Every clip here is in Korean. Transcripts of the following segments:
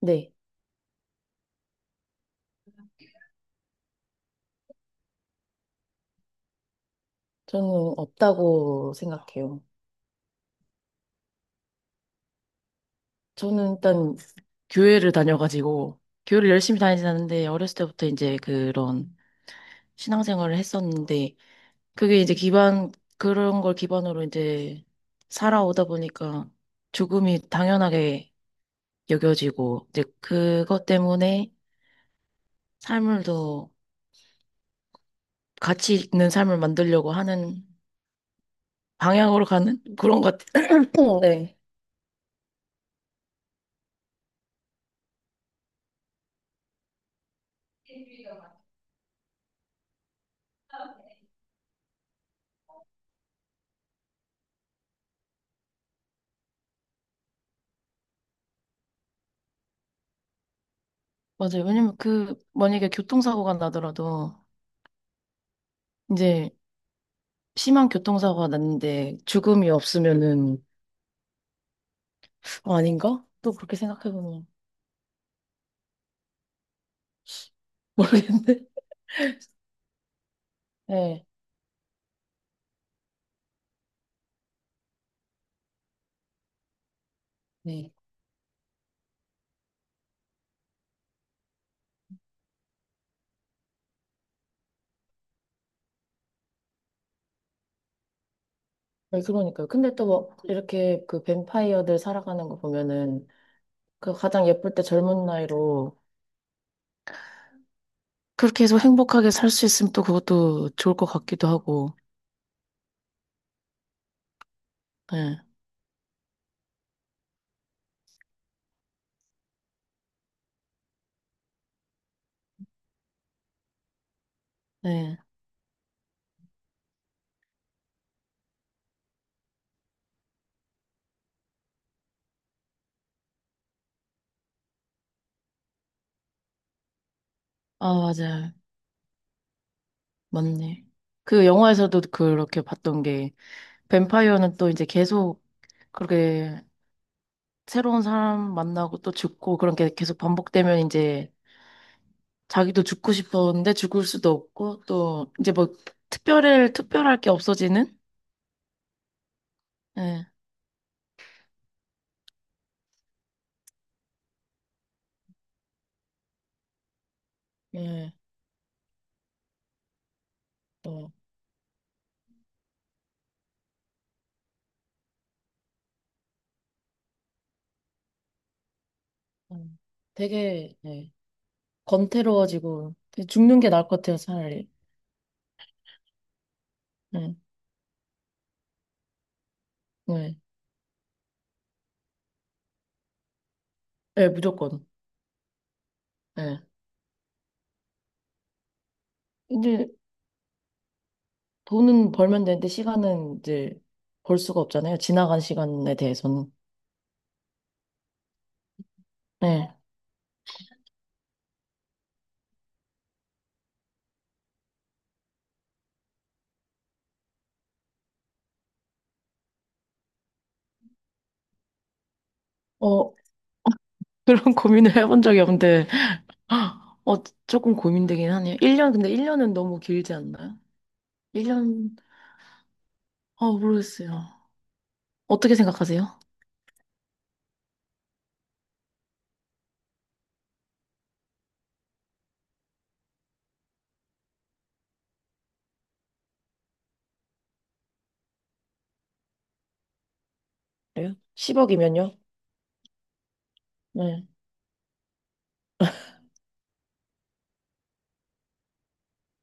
네, 저는 없다고 생각해요. 저는 일단 교회를 다녀가지고, 교회를 열심히 다니진 않는데, 어렸을 때부터 이제 그런 신앙생활을 했었는데, 그게 이제 기반, 그런 걸 기반으로 이제 살아오다 보니까 죽음이 당연하게 여겨지고, 이제 그것 때문에 삶을 더 가치 있는 삶을 만들려고 하는 방향으로 가는 그런 것 같아요. 네. 맞아요. 왜냐면 그, 만약에 교통사고가 나더라도, 이제 심한 교통사고가 났는데 죽음이 없으면은 어, 아닌가? 또 그렇게 생각해보면 모르겠네. 네. 네. 네, 그러니까요. 근데 또 뭐 이렇게 그 뱀파이어들 살아가는 거 보면은 그 가장 예쁠 때 젊은 나이로 그렇게 해서 행복하게 살 수 있으면 또 그것도 좋을 것 같기도 하고. 네. 네. 아, 맞아요. 맞네. 그 영화에서도 그렇게 봤던 게 뱀파이어는 또 이제 계속 그렇게 새로운 사람 만나고 또 죽고 그런 게 계속 반복되면 이제 자기도 죽고 싶었는데 죽을 수도 없고 또 이제 뭐 특별할 게 없어지는 예, 예, 또, 음, 되게, 예, 건태로워지고, 되게 죽는 게 나을 것 같아요, 차라리. 예, 예, 예, 무조건 예. 이제 돈은 벌면 되는데 시간은 이제 벌 수가 없잖아요. 지나간 시간에 대해서는 예. 어 그런 고민을 해본 적이 없는데 아, 어, 조금 고민되긴 하네요. 1년, 근데 1년은 너무 길지 않나요? 1년, 아, 모르겠어요. 어떻게 생각하세요? 그래요? 10억이면요? 네.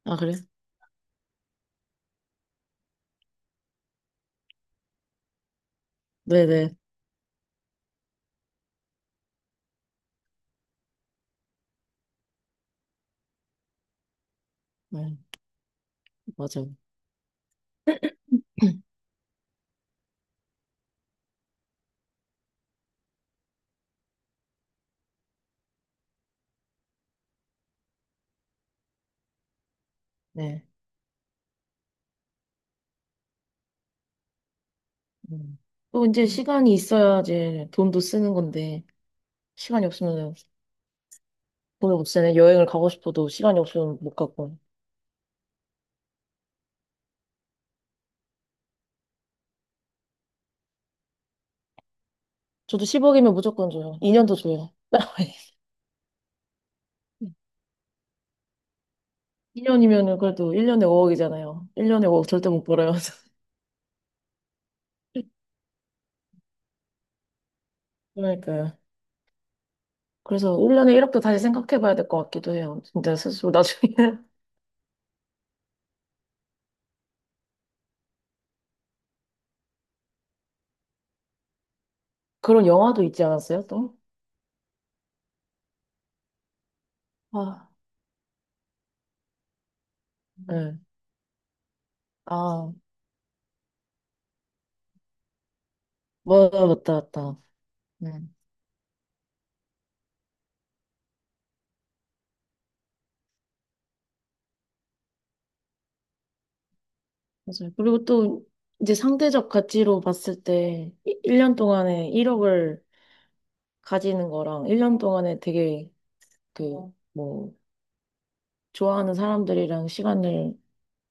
아, 그래요? 네네. 네, 맞아요. 네. 음. 또 이제 시간이 있어야지 돈도 쓰는 건데, 시간이 없으면 돈을 못 쓰네. 여행을 가고 싶어도 시간이 없으면 못 가고. 저도 10억이면 무조건 줘요. 2년도 줘요. 2년이면은 그래도 1년에 5억이잖아요. 1년에 5억 절대 못 벌어요. 그러니까요. 그래서 올년에 1억도 다시 생각해 봐야 될 것 같기도 해요. 진짜 스스로 나중에. 그런 영화도 있지 않았어요, 또? 아, 네. 아, 맞다, 맞다, 맞다. 네. 맞아요. 그리고 또, 이제 상대적 가치로 봤을 때, 1년 동안에 1억을 가지는 거랑, 1년 동안에 되게, 그, 뭐, 좋아하는 사람들이랑 시간을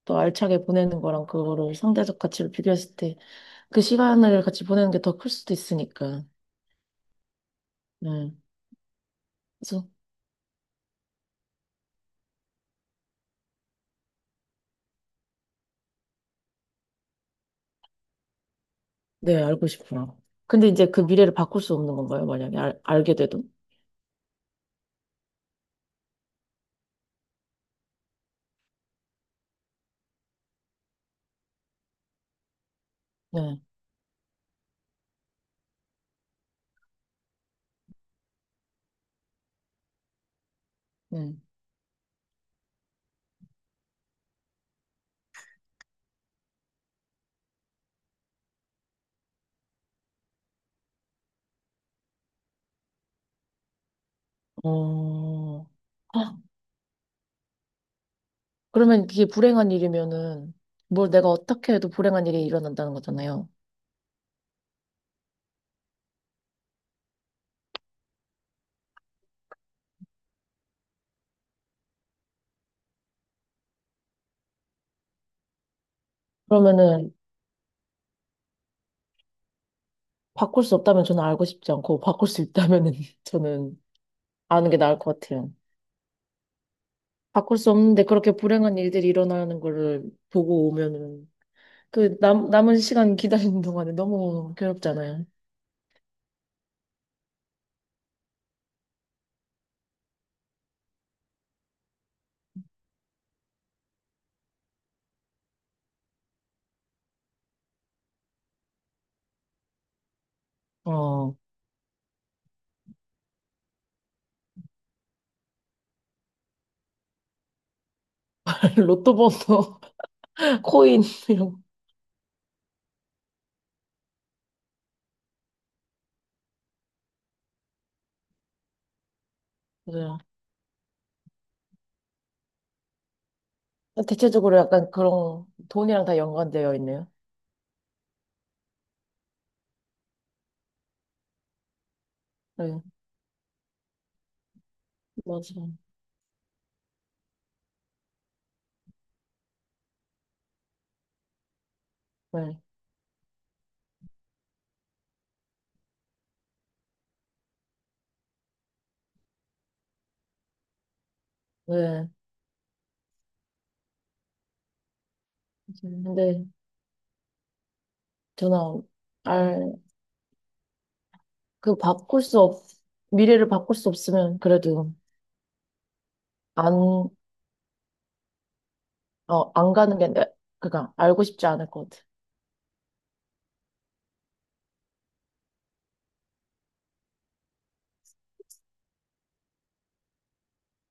또 알차게 보내는 거랑, 그거를 상대적 가치로 비교했을 때, 그 시간을 같이 보내는 게 더 클 수도 있으니까. 네. 그래서 네, 알고 싶어요. 근데 이제 그 미래를 바꿀 수 없는 건가요? 만약에 알게 돼도? 네, 네. 어, 아, 그러면 그게 불행한 일이면은 뭘 내가 어떻게 해도 불행한 일이 일어난다는 거잖아요. 그러면은 바꿀 수 없다면 저는 알고 싶지 않고 바꿀 수 있다면은 저는 아는 게 나을 것 같아요. 바꿀 수 없는데 그렇게 불행한 일들이 일어나는 거를 보고 오면은 그 남은 시간 기다리는 동안에 너무 괴롭잖아요. 어, 로또 번호, 코인 이런 거. 대체적으로 약간 그런 돈이랑 다 연관되어 있네요. 네, 맞아. 네, 네. 근데 저는 알, 그 바꿀 수 없, 미래를 바꿀 수 없으면 그래도 안, 어, 안 가는 게, 그니까 알고 싶지 않을 것 같아.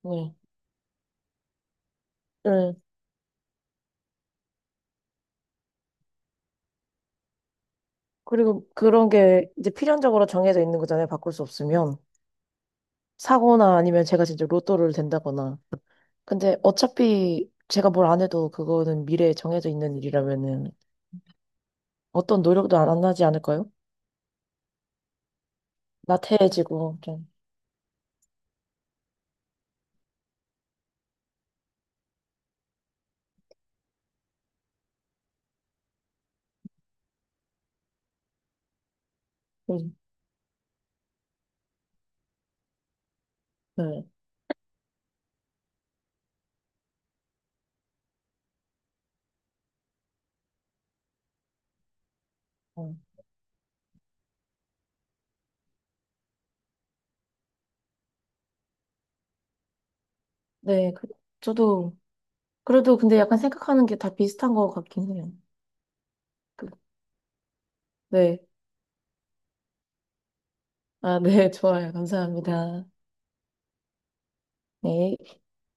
네. 네. 그리고 그런 게 이제 필연적으로 정해져 있는 거잖아요. 바꿀 수 없으면. 사고나 아니면 제가 진짜 로또를 된다거나. 근데 어차피 제가 뭘 안 해도 그거는 미래에 정해져 있는 일이라면은 어떤 노력도 안 하지 않을까요? 나태해지고 좀. 음, 네. 어. 네, 그, 저도 그래도 근데 약간 생각하는 게 다 비슷한 것 같긴 해요. 그, 네, 아, 네, 좋아요. 감사합니다. 네.